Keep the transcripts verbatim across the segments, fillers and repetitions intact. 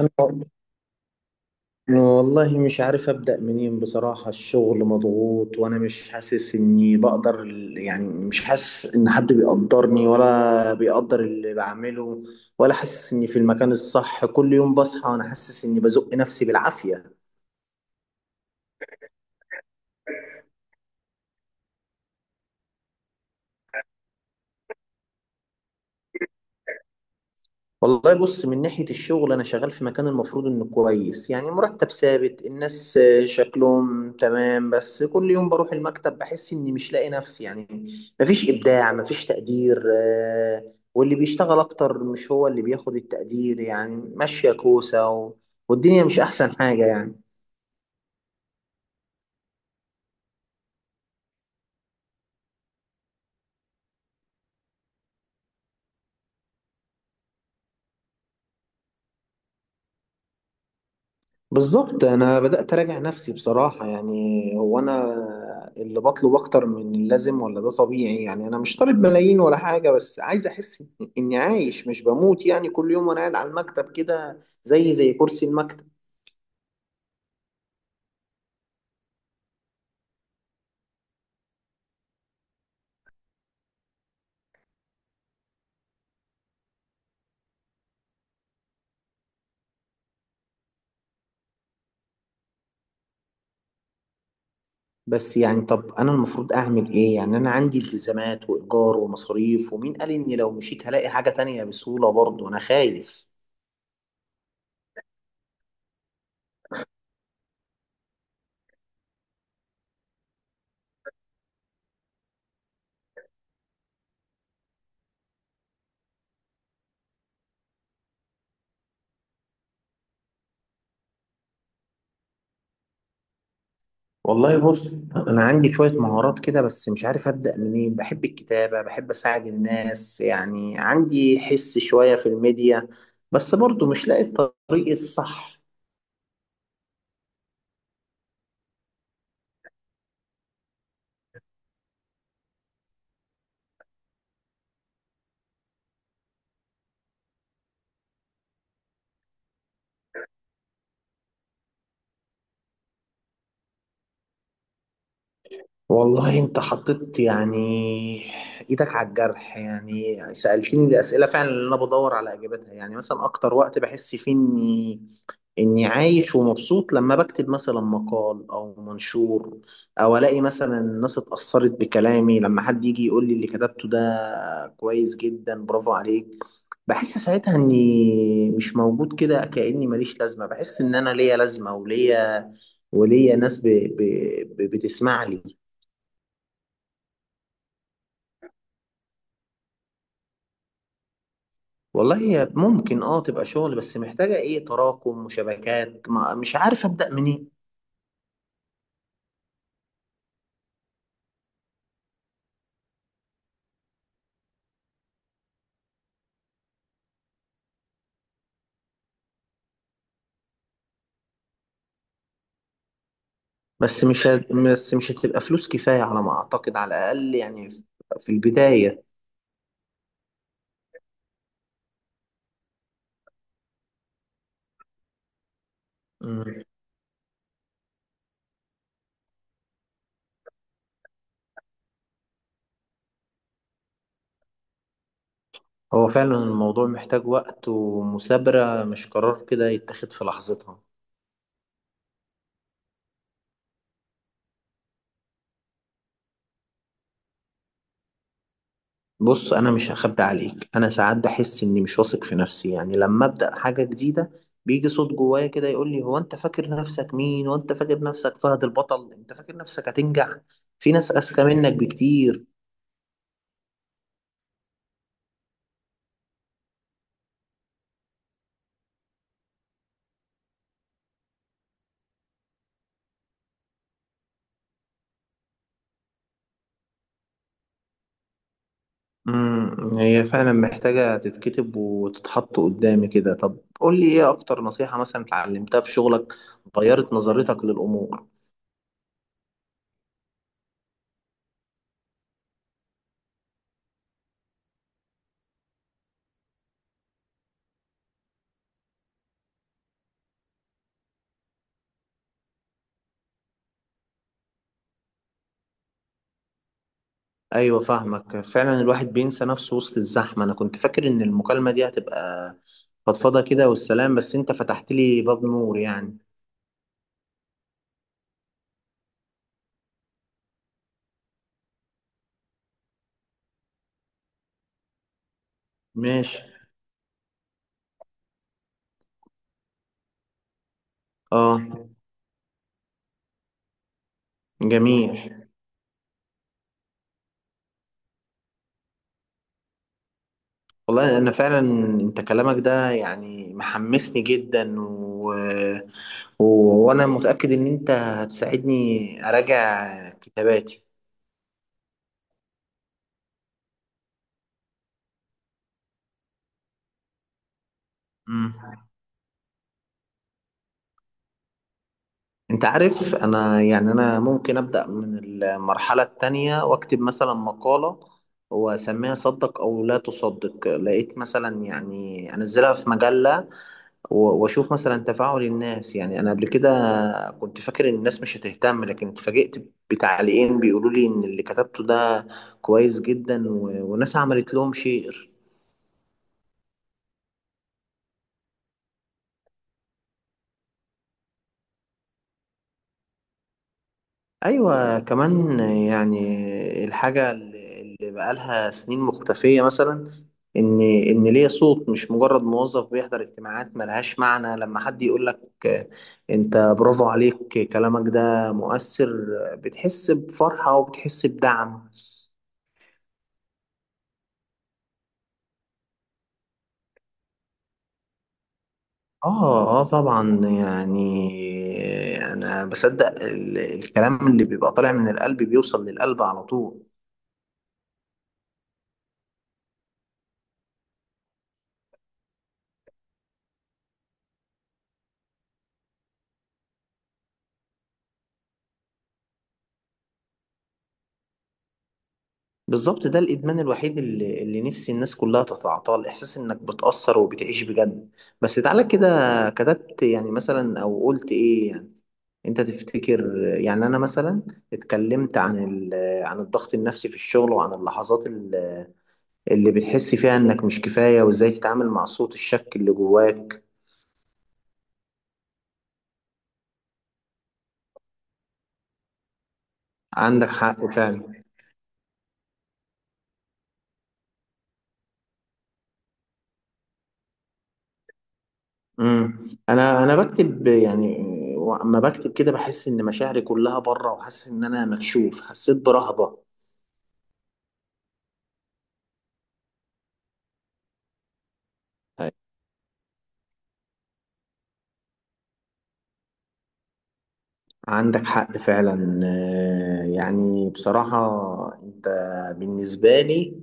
أنا، والله مش عارف أبدأ منين بصراحة. الشغل مضغوط وأنا مش حاسس إني بقدر، يعني مش حاسس إن حد بيقدرني ولا بيقدر اللي بعمله، ولا حاسس إني في المكان الصح. كل يوم بصحى وأنا حاسس إني بزق نفسي بالعافية. والله بص، من ناحية الشغل أنا شغال في مكان المفروض إنه كويس، يعني مرتب ثابت، الناس آه، شكلهم تمام، بس كل يوم بروح المكتب بحس إني مش لاقي نفسي يعني. مفيش إبداع مفيش تقدير آه، واللي بيشتغل أكتر مش هو اللي بياخد التقدير، يعني ماشية كوسة و... والدنيا مش أحسن حاجة يعني. بالظبط، انا بدات اراجع نفسي بصراحه، يعني هو انا اللي بطلب اكتر من اللازم، ولا ده طبيعي؟ يعني انا مش طالب ملايين ولا حاجه، بس عايز احس إن- اني عايش مش بموت. يعني كل يوم وانا قاعد على المكتب كده زي زي كرسي المكتب. بس يعني طب انا المفروض اعمل ايه يعني؟ انا عندي التزامات وايجار ومصاريف، ومين قال اني لو مشيت هلاقي حاجه تانية بسهوله؟ برضه انا خايف. والله بص، انا عندي شويه مهارات كده، بس مش عارف ابدا منين. بحب الكتابه، بحب اساعد الناس، يعني عندي حس شويه في الميديا، بس برضو مش لاقي الطريق الصح. والله انت حطيت يعني ايدك على الجرح، يعني سألتني الاسئله فعلا اللي انا بدور على اجابتها. يعني مثلا اكتر وقت بحس فيه اني إني عايش ومبسوط، لما بكتب مثلا مقال أو منشور، أو ألاقي مثلا الناس اتأثرت بكلامي، لما حد يجي يقول لي اللي كتبته ده كويس جدا، برافو عليك. بحس ساعتها إني مش موجود كده، كأني ماليش لازمة. بحس إن أنا ليا لازمة وليا وليا ناس ب... ب... ب... بتسمع لي. والله هي ممكن اه تبقى شغل، بس محتاجة ايه، تراكم وشبكات، ما مش عارف أبدأ منين. بس مش هت... بس مش هتبقى فلوس كفاية على ما أعتقد، على الأقل يعني في البداية. مم. هو فعلا الموضوع محتاج وقت ومثابرة، مش قرار كده يتاخد في لحظتها. بص أنا مش هخبي عليك، أنا ساعات بحس إني مش واثق في نفسي، يعني لما أبدأ حاجة جديدة بيجي صوت جوايا كده يقول لي: هو أنت فاكر نفسك مين؟ وأنت فاكر نفسك فهد البطل؟ أنت فاكر نفسك هتنجح؟ في ناس أذكى منك بكتير. امم هي فعلا محتاجة تتكتب وتتحط قدامي كده. طب قول لي ايه اكتر نصيحة مثلا اتعلمتها في شغلك، غيرت نظرتك للأمور؟ ايوه فاهمك فعلا، الواحد بينسى نفسه وسط الزحمة. انا كنت فاكر ان المكالمة دي هتبقى فضفضة كده والسلام، بس انت فتحت لي باب نور يعني. ماشي. اه. جميل. والله انا فعلا، انت كلامك ده يعني محمسني جدا و... و... وانا متأكد ان انت هتساعدني اراجع كتاباتي. امم انت عارف، انا يعني انا ممكن ابدأ من المرحلة التانية واكتب مثلا مقالة، واسميها صدق او لا تصدق. لقيت مثلا يعني انزلها في مجلة، و- واشوف مثلا تفاعل الناس. يعني انا قبل كده كنت فاكر ان الناس مش هتهتم، لكن اتفاجئت بتعليقين بيقولوا لي ان اللي كتبته ده كويس جدا، و... وناس عملت لهم شير. ايوه كمان يعني الحاجه اللي اللي بقالها سنين مختفيه مثلا، ان ان ليا صوت، مش مجرد موظف بيحضر اجتماعات ملهاش معنى. لما حد يقول لك انت برافو عليك، كلامك ده مؤثر، بتحس بفرحه وبتحس بدعم. اه، اه، طبعا، يعني انا بصدق ال- الكلام اللي بيبقى طالع من القلب بيوصل للقلب على طول. بالظبط، ده الادمان الوحيد اللي, اللي نفسي الناس كلها تتعاطاه، الاحساس انك بتأثر وبتعيش بجد. بس تعالى كده، كتبت يعني مثلا او قلت ايه يعني؟ انت تفتكر يعني انا مثلا اتكلمت عن ال- عن الضغط النفسي في الشغل، وعن اللحظات ال- اللي بتحس فيها انك مش كفاية، وازاي تتعامل مع صوت الشك اللي جواك؟ عندك حق فعلا. امم انا انا بكتب يعني، اما بكتب كده بحس ان مشاعري كلها بره، وحاسس ان انا مكشوف، حسيت برهبة. عندك حق فعلا آه، يعني بصراحة، انت بالنسبة لي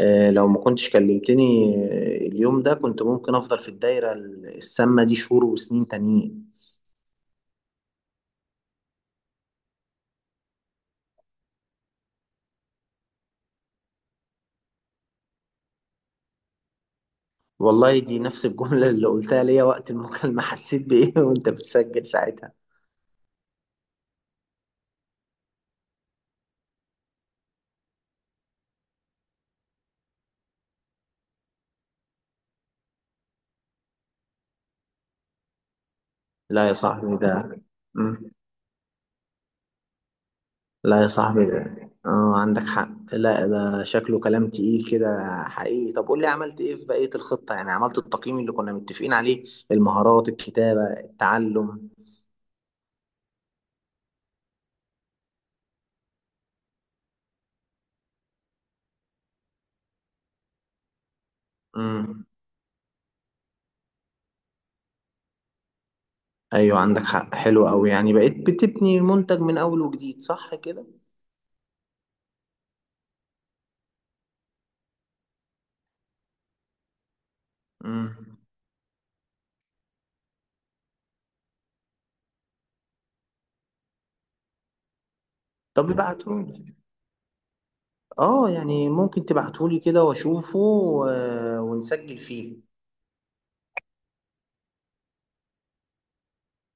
آه،، لو ما كنتش كلمتني آه، اليوم ده كنت ممكن افضل في الدايرة السامة دي شهور وسنين تانيين. والله دي نفس الجملة اللي قلتها ليا وقت المكالمة حسيت بإيه وانت بتسجل ساعتها؟ لا يا صاحبي ده. مم. لا يا صاحبي ده. اه، عندك حق. لا ده شكله كلام تقيل كده حقيقي. طب قول لي عملت ايه في بقية الخطة؟ يعني عملت التقييم اللي كنا متفقين عليه، المهارات، الكتابة، التعلم؟ امم. ايوه عندك حق، حلو قوي، يعني بقيت بتبني منتج من اول وجديد صح كده. امم طب ابعتهولي. اه، يعني ممكن تبعتهولي كده واشوفه و- ونسجل فيه.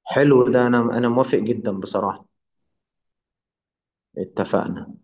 حلو ده، انا انا موافق جدا بصراحة. اتفقنا.